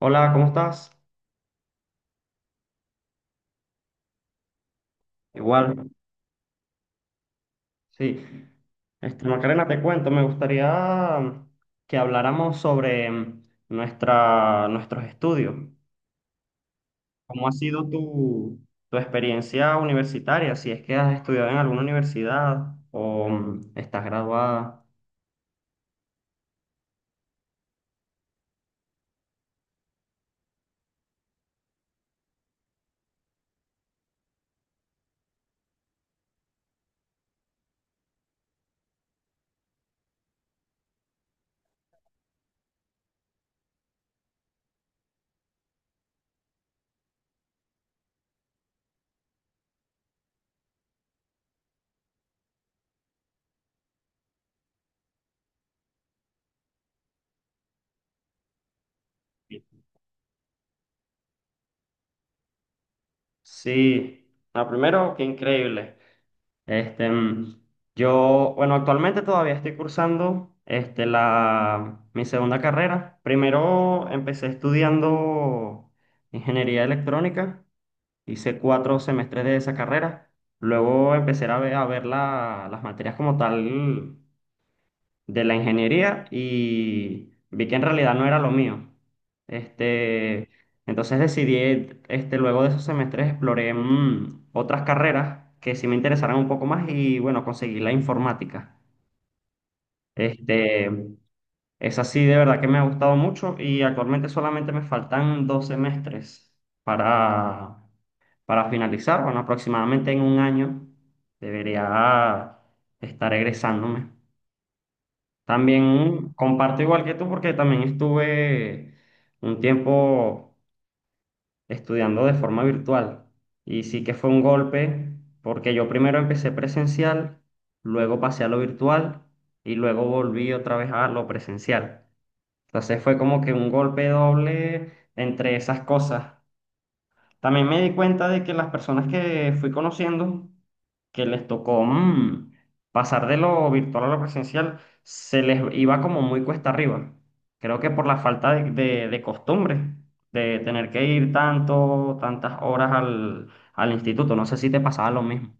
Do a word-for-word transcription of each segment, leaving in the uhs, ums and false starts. Hola, ¿cómo estás? Igual, sí. Este, Macarena, te cuento, me gustaría que habláramos sobre mm, nuestra, nuestros estudios. ¿Cómo ha sido tu, tu experiencia universitaria? Si es que has estudiado en alguna universidad o mm, estás graduada. Sí. Ah, primero, qué increíble. Este, mm, yo, bueno, actualmente todavía estoy cursando este, la, mi segunda carrera. Primero empecé estudiando ingeniería electrónica, hice cuatro semestres de esa carrera. Luego empecé a ver, a ver la- las materias como tal de la ingeniería y vi que en realidad no era lo mío. Este, entonces decidí, este, luego de esos semestres exploré mm, otras carreras que sí me interesaran un poco más y, bueno, conseguí la informática. Este, Esa sí de verdad que me ha gustado mucho, y actualmente solamente me faltan dos semestres para, para finalizar. Bueno, aproximadamente en un año debería estar egresándome. También comparto igual que tú, porque también estuve un tiempo estudiando de forma virtual, y sí que fue un golpe, porque yo primero empecé presencial, luego pasé a lo virtual y luego volví otra vez a lo presencial. Entonces fue como que un golpe doble entre esas cosas. También me di cuenta de que las personas que fui conociendo, que les tocó mm, pasar de lo virtual a lo presencial, se les iba como muy cuesta arriba. Creo que por la falta de, de- de costumbre, de tener que ir tanto, tantas horas al, al instituto. No sé si te pasaba lo mismo.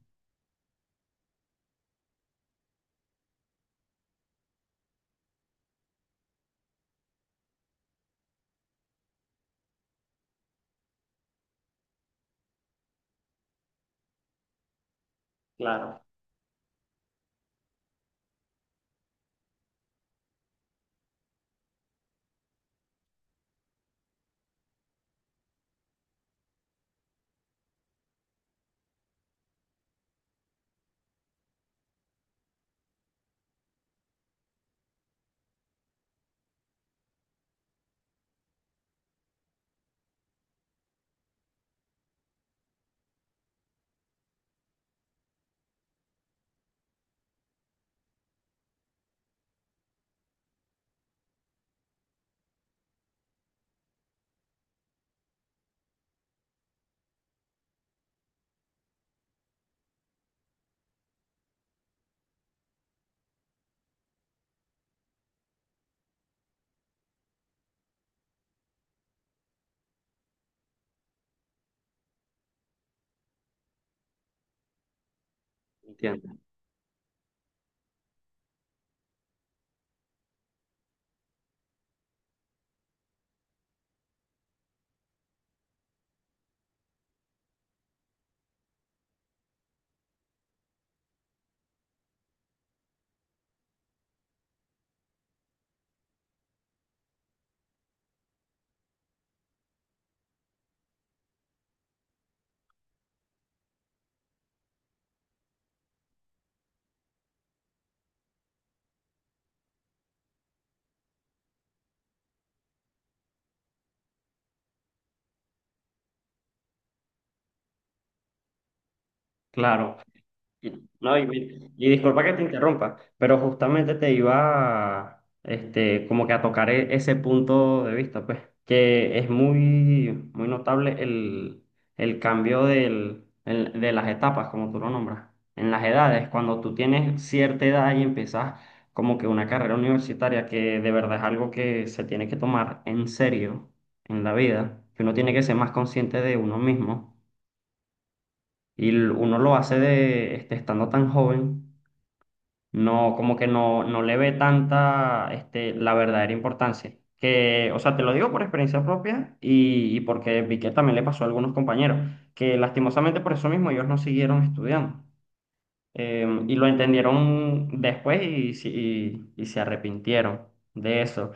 Claro, entiendo. Claro. No, y, mi- Y disculpa que te interrumpa, pero justamente te iba a, este, como que a tocar e- ese punto de vista, pues, que es muy, muy notable el, el cambio del, el- de las etapas, como tú lo nombras, en las edades, cuando tú tienes cierta edad y empiezas como que una carrera universitaria que de verdad es algo que se tiene que tomar en serio en la vida, que uno tiene que ser más consciente de uno mismo, y l- uno lo hace de, este, estando tan joven. No, como que no, no le ve tanta, este, la verdadera importancia. Que, o sea, te lo digo por experiencia propia, y, y porque vi que también le pasó a algunos compañeros, que lastimosamente por eso mismo ellos no siguieron estudiando. Eh, y lo entendieron después, y, si- y y se arrepintieron de eso.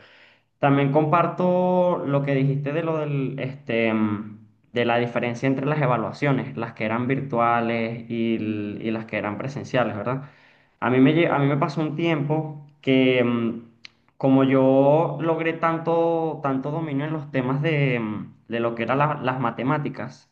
También comparto lo que dijiste de lo del, este, mm, de la diferencia entre las evaluaciones, las que eran virtuales y, l- y las que eran presenciales, ¿verdad? A mí me, lle- a mí me pasó un tiempo que, mm, como yo logré tanto, tanto dominio en los temas de, mm, de lo que eran la- las matemáticas.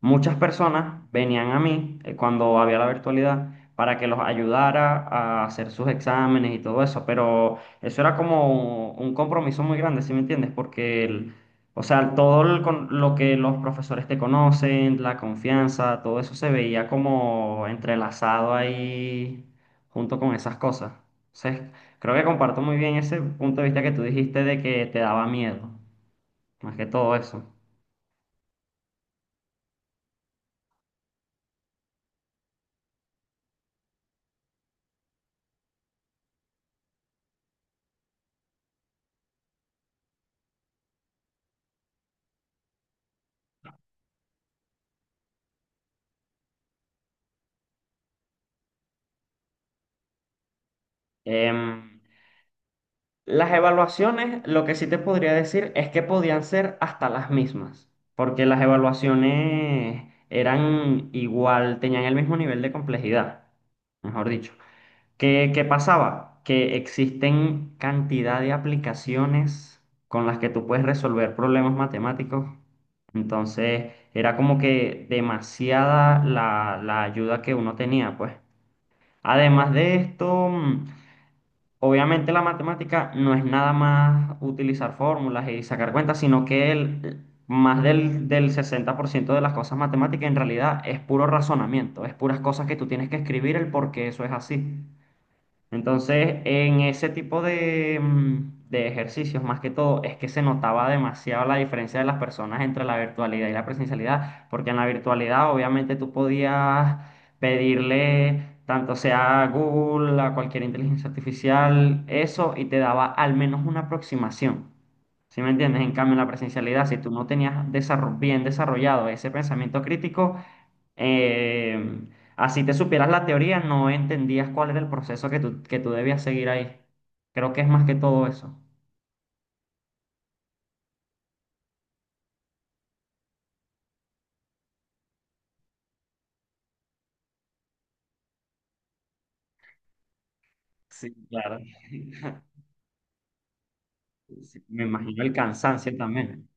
Muchas personas venían a mí eh, cuando había la virtualidad, para que los ayudara a hacer sus exámenes y todo eso, pero eso era como un compromiso muy grande, ¿sí me entiendes? Porque el- o sea, todo el con- lo que los profesores te conocen, la confianza, todo eso se veía como entrelazado ahí junto con esas cosas. Entonces, creo que comparto muy bien ese punto de vista que tú dijiste, de que te daba miedo más que todo eso. Em, Las evaluaciones, lo que sí te podría decir es que podían ser hasta las mismas, porque las evaluaciones eran igual, tenían el mismo nivel de complejidad, mejor dicho. ¿Qué, qué pasaba? Que existen cantidad de aplicaciones con las que tú puedes resolver problemas matemáticos. Entonces, era como que demasiada la, la ayuda que uno tenía, pues. Además de esto mm, obviamente la matemática no es nada más utilizar fórmulas y sacar cuentas, sino que el, más del, del sesenta por ciento de las cosas matemáticas en realidad es puro razonamiento, es puras cosas que tú tienes que escribir el por qué eso es así. Entonces, en ese tipo de, mm, de ejercicios, más que todo, es que se notaba demasiado la diferencia de las personas entre la virtualidad y la presencialidad, porque en la virtualidad obviamente tú podías pedirle tanto sea a Google, a cualquier inteligencia artificial, eso, y te daba al menos una aproximación. ¿Sí me entiendes? En cambio, en la presencialidad, si tú no tenías desarro- bien desarrollado ese pensamiento crítico, eh, así te supieras la teoría, no entendías cuál era el proceso que tú, que tú debías seguir ahí. Creo que es más que todo eso. Sí, claro. Sí, me imagino el cansancio también.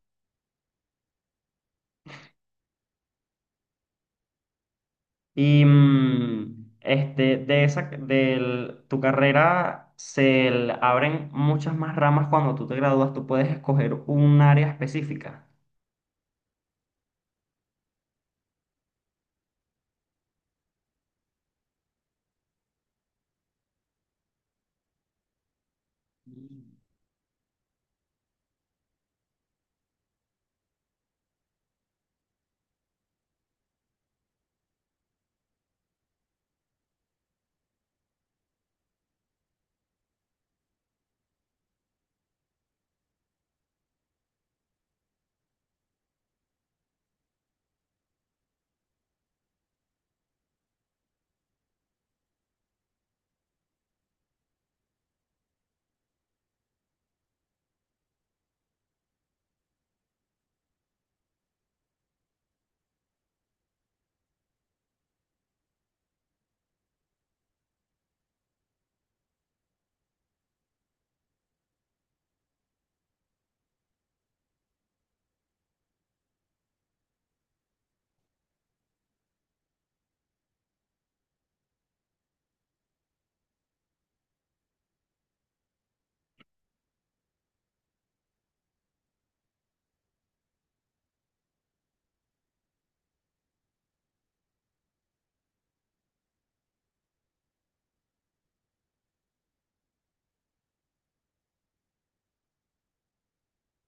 Y, mm, este, de esa, de tu carrera se l- abren muchas más ramas cuando tú te gradúas. Tú puedes escoger un área específica.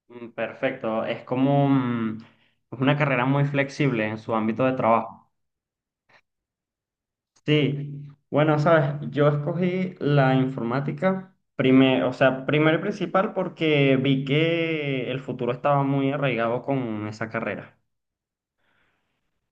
Mm. Perfecto. Es como mm, es una carrera muy flexible en su ámbito de trabajo. Sí, bueno, sabes, yo escogí la informática, prime- o sea, primero y principal, porque vi que el futuro estaba muy arraigado con esa carrera.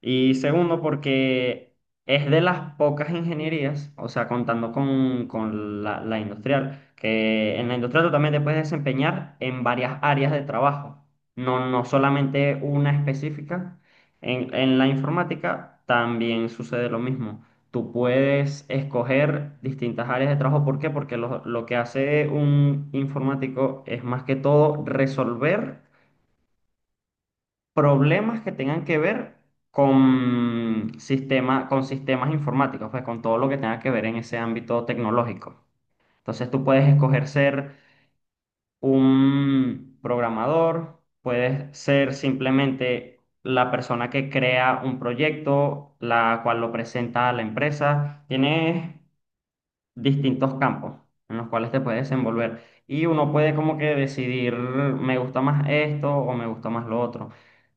Y segundo, porque es de las pocas ingenierías, o sea, contando con, con la, la industrial, que en la industrial tú también te puedes desempeñar en varias áreas de trabajo, no, no solamente una específica. En, en la informática también sucede lo mismo. Tú puedes escoger distintas áreas de trabajo. ¿Por qué? Porque lo, lo que hace un informático es más que todo resolver problemas que tengan que ver con sistema, con sistemas informáticos, pues, con todo lo que tenga que ver en ese ámbito tecnológico. Entonces tú puedes escoger ser un programador, puedes ser simplemente la persona que crea un proyecto, la cual lo presenta a la empresa. Tienes distintos campos en los cuales te puedes desenvolver. Y uno puede como que decidir: me gusta más esto o me gusta más lo otro.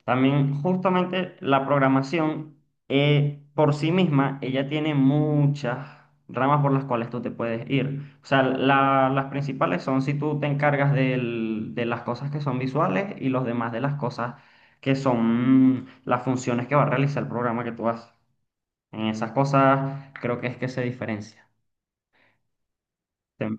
También justamente la programación, eh, por sí misma, ella tiene muchas ramas por las cuales tú te puedes ir. O sea, la- las principales son si tú te encargas del- de las cosas que son visuales, y los demás de las cosas que son, mm, las funciones que va a realizar el programa que tú haces. En esas cosas creo que es que se diferencia. Te-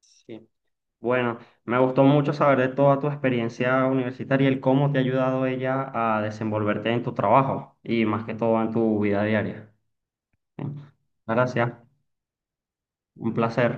Sí. Bueno, me gustó mucho saber de toda tu experiencia universitaria y el cómo te ha ayudado ella a desenvolverte en tu trabajo y más que todo en tu vida diaria. ¿Sí? Gracias, un placer.